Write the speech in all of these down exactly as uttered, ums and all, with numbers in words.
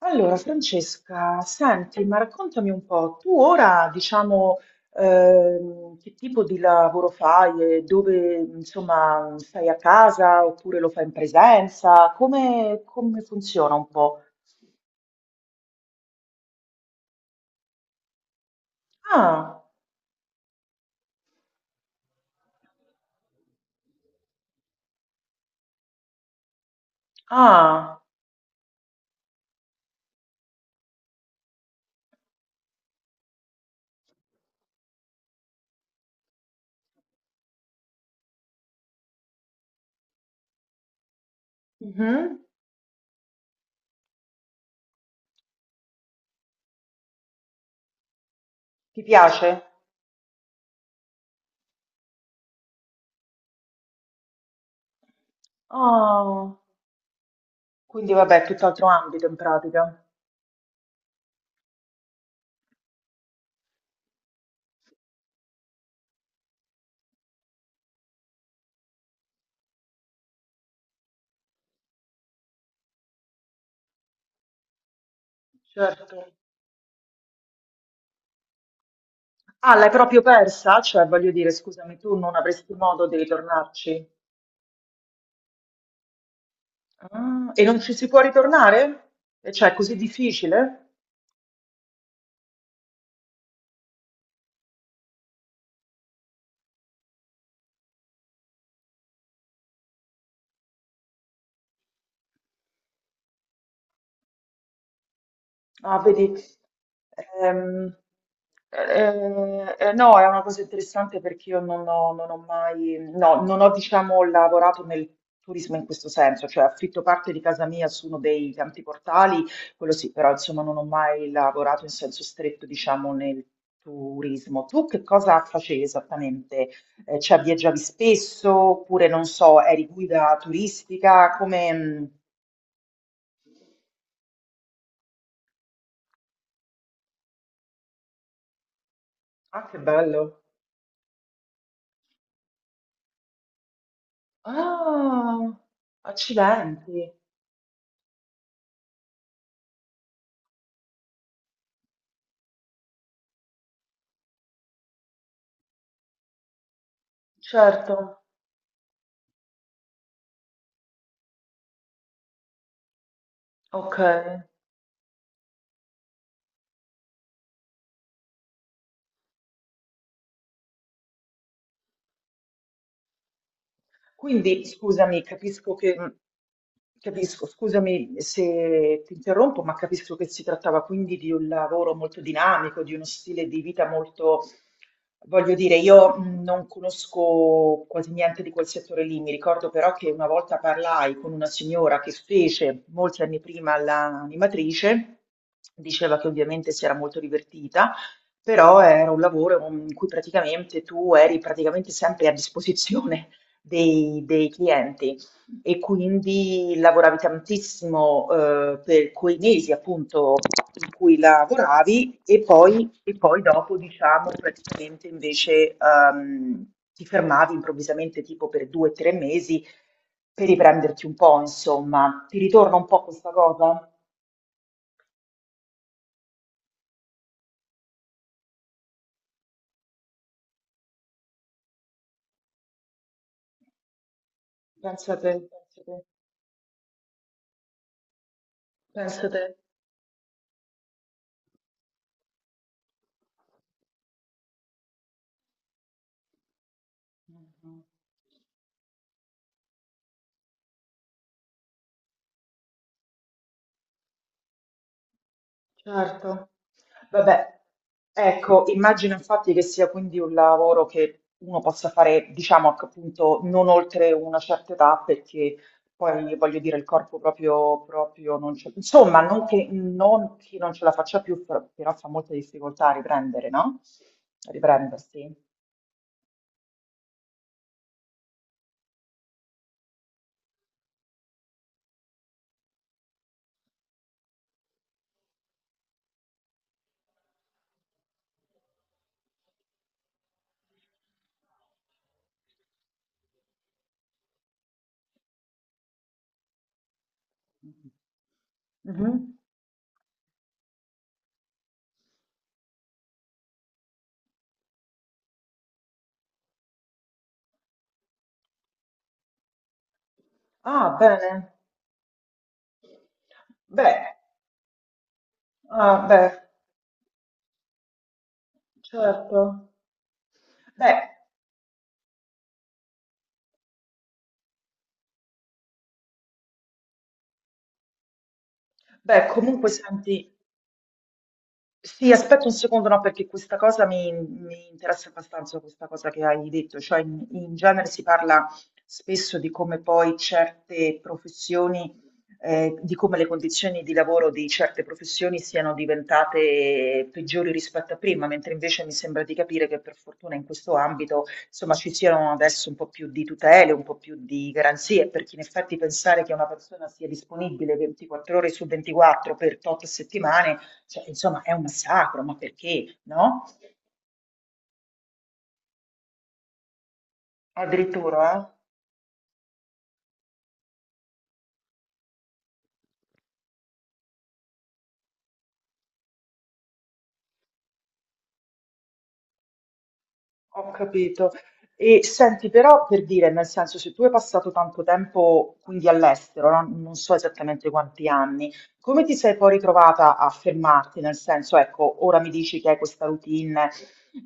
Allora Francesca, senti, ma raccontami un po', tu ora diciamo ehm, che tipo di lavoro fai e dove insomma stai a casa oppure lo fai in presenza? Come, come funziona un po'? Ah, ah, mhm. Ti piace? Ah, quindi vabbè, tutt'altro ambito in pratica. Certo. Ah, l'hai proprio persa? Cioè, voglio dire, scusami, tu non avresti modo di ritornarci? Ah, e non ci si può ritornare? E cioè, è così difficile? Ah, vedi, ehm, eh, eh, no, è una cosa interessante perché io non ho, non ho mai, no, non ho, diciamo, lavorato nel turismo in questo senso, cioè affitto parte di casa mia su uno dei tanti portali, quello sì, però insomma non ho mai lavorato in senso stretto, diciamo, nel turismo. Tu che cosa facevi esattamente? Eh, cioè viaggiavi spesso oppure non so, eri guida turistica? Come... Ah, che bello! Ah, accidenti, certo, ok. Quindi scusami, capisco che mh, capisco, scusami se ti interrompo, ma capisco che si trattava quindi di un lavoro molto dinamico, di uno stile di vita molto, voglio dire, io mh, non conosco quasi niente di quel settore lì. Mi ricordo però che una volta parlai con una signora che fece molti anni prima l'animatrice, diceva che ovviamente si era molto divertita però era un lavoro mhmm, in cui praticamente tu eri praticamente sempre a disposizione dei, dei clienti e quindi lavoravi tantissimo eh, per quei mesi appunto in cui lavoravi e poi, e poi dopo diciamo praticamente invece ehm, ti fermavi improvvisamente tipo per due o tre mesi per riprenderti un po' insomma. Ti ritorna un po' questa cosa? Pensate, pensate, pensate. Certo. Vabbè, ecco, immagino infatti che sia quindi un lavoro che uno possa fare, diciamo, che appunto, non oltre una certa età, perché poi, voglio dire, il corpo proprio, proprio non ce... Insomma, non che non, chi non ce la faccia più, però però fa molta difficoltà a riprendere, no? A riprendersi. Mhm. Ah, bene. Beh, ah, beh, certo. Beh, beh, comunque senti, sì, aspetta un secondo, no, perché questa cosa mi, mi interessa abbastanza, questa cosa che hai detto, cioè in, in genere si parla spesso di come poi certe professioni, eh, di come le condizioni di lavoro di certe professioni siano diventate peggiori rispetto a prima, mentre invece mi sembra di capire che per fortuna in questo ambito, insomma, ci siano adesso un po' più di tutele, un po' più di garanzie, perché in effetti pensare che una persona sia disponibile ventiquattro ore su ventiquattro per tot settimane cioè, insomma, è un massacro, ma perché, no? Addirittura, eh? Ho capito. E senti, però per dire, nel senso, se tu hai passato tanto tempo quindi all'estero, no? Non so esattamente quanti anni, come ti sei poi ritrovata a fermarti? Nel senso, ecco, ora mi dici che hai questa routine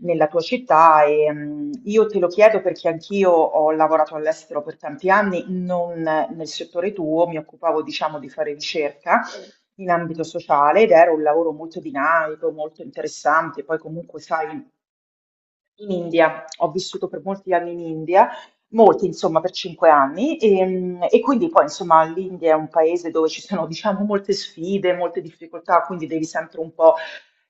nella tua città e mm, io te lo chiedo perché anch'io ho lavorato all'estero per tanti anni, non nel settore tuo, mi occupavo, diciamo, di fare ricerca in ambito sociale ed era un lavoro molto dinamico, molto interessante. Poi comunque, sai, in India, ho vissuto per molti anni in India, molti insomma per cinque anni e, mm, e quindi poi insomma l'India è un paese dove ci sono diciamo molte sfide, molte difficoltà, quindi devi sempre un po'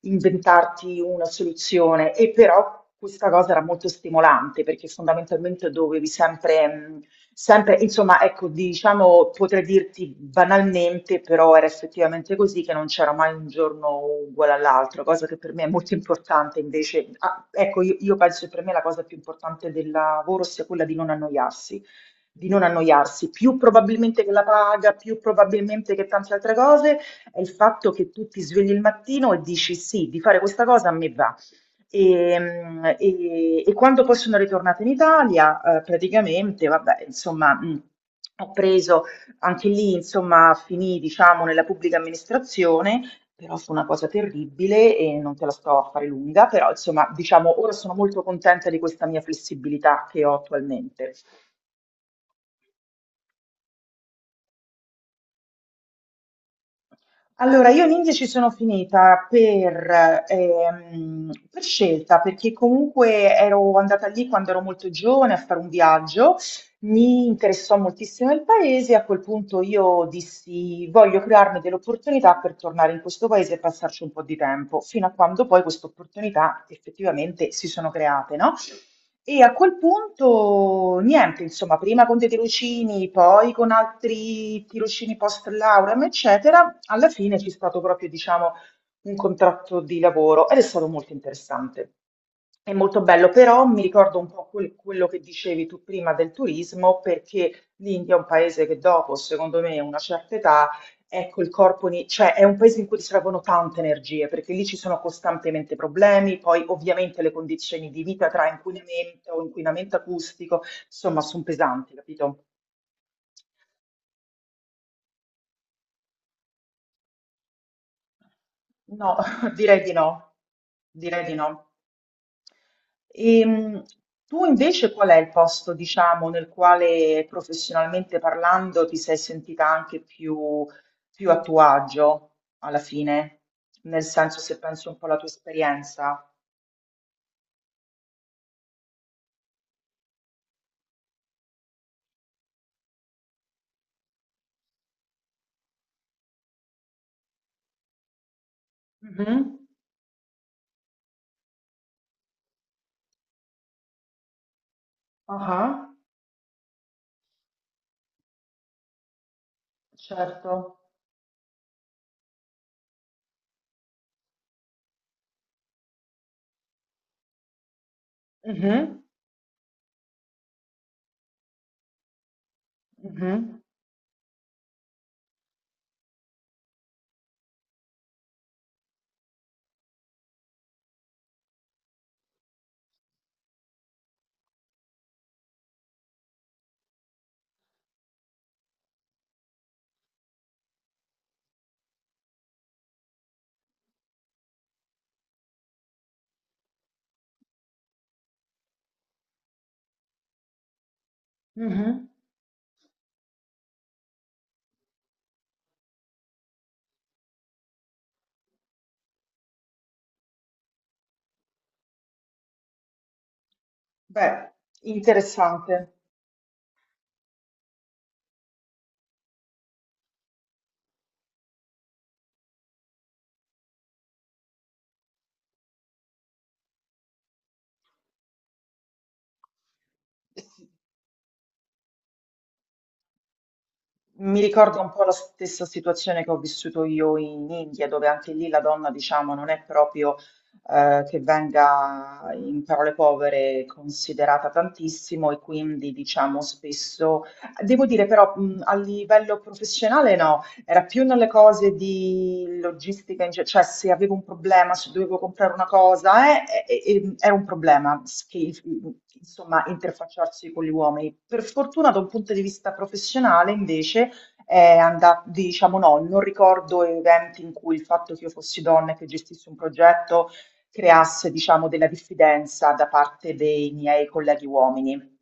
inventarti una soluzione e però questa cosa era molto stimolante perché fondamentalmente dovevi sempre, mh, sempre, insomma, ecco, diciamo, potrei dirti banalmente, però era effettivamente così che non c'era mai un giorno uguale all'altro, cosa che per me è molto importante invece. Ah, ecco, io, io penso che per me la cosa più importante del lavoro sia quella di non annoiarsi. Di non annoiarsi più probabilmente che la paga, più probabilmente che tante altre cose, è il fatto che tu ti svegli il mattino e dici sì, di fare questa cosa a me va. E, mm, e- e quando poi sono ritornata in Italia, eh, praticamente, vabbè, insomma, mm, ho preso anche lì, insomma, finì, diciamo, nella pubblica amministrazione. Però fu una cosa terribile e non te la sto a fare lunga, però insomma, diciamo, ora sono molto contenta di questa mia flessibilità che ho attualmente. Allora, io l'India ci sono finita per, ehm, per scelta, perché comunque ero andata lì quando ero molto giovane a fare un viaggio, mi interessò moltissimo il paese, a quel punto io dissi voglio crearmi delle opportunità per tornare in questo paese e passarci un po' di tempo, fino a quando poi queste opportunità effettivamente si sono create, no? E a quel punto niente, insomma, prima con dei tirocini, poi con altri tirocini post lauream, eccetera, alla fine c'è stato proprio, diciamo, un contratto di lavoro ed è stato molto interessante. È molto bello, però mi ricordo un po' quel- quello che dicevi tu prima del turismo, perché l'India è un paese che dopo, secondo me, una certa età, ecco il corpo, ni- cioè è un paese in cui ti servono tante energie, perché lì ci sono costantemente problemi, poi ovviamente le condizioni di vita tra inquinamento, inquinamento acustico, insomma, sono pesanti, capito? No, direi di no, direi di no. Ehm, Tu invece qual è il posto, diciamo, nel quale professionalmente parlando ti sei sentita anche più, più a tuo agio alla fine? Nel senso, se penso un po' alla tua esperienza. Mhm. Ah, certo. Mhm, mhm, mhm. Beh, interessante. Mi ricorda un po' la stessa situazione che ho vissuto io in India, dove anche lì la donna, diciamo, non è proprio eh, che venga in parole povere considerata tantissimo e quindi, diciamo, spesso, devo dire però, mh, a livello professionale no, era più nelle cose di logistica, in ge- cioè se avevo un problema, se dovevo comprare una cosa, eh, e- e- era un problema, s- che, insomma, interfacciarsi con gli uomini. Per fortuna, da un punto di vista professionale, invece, è andato, diciamo no, non ricordo eventi in cui il fatto che io fossi donna e che gestissi un progetto creasse, diciamo, della diffidenza da parte dei miei colleghi uomini.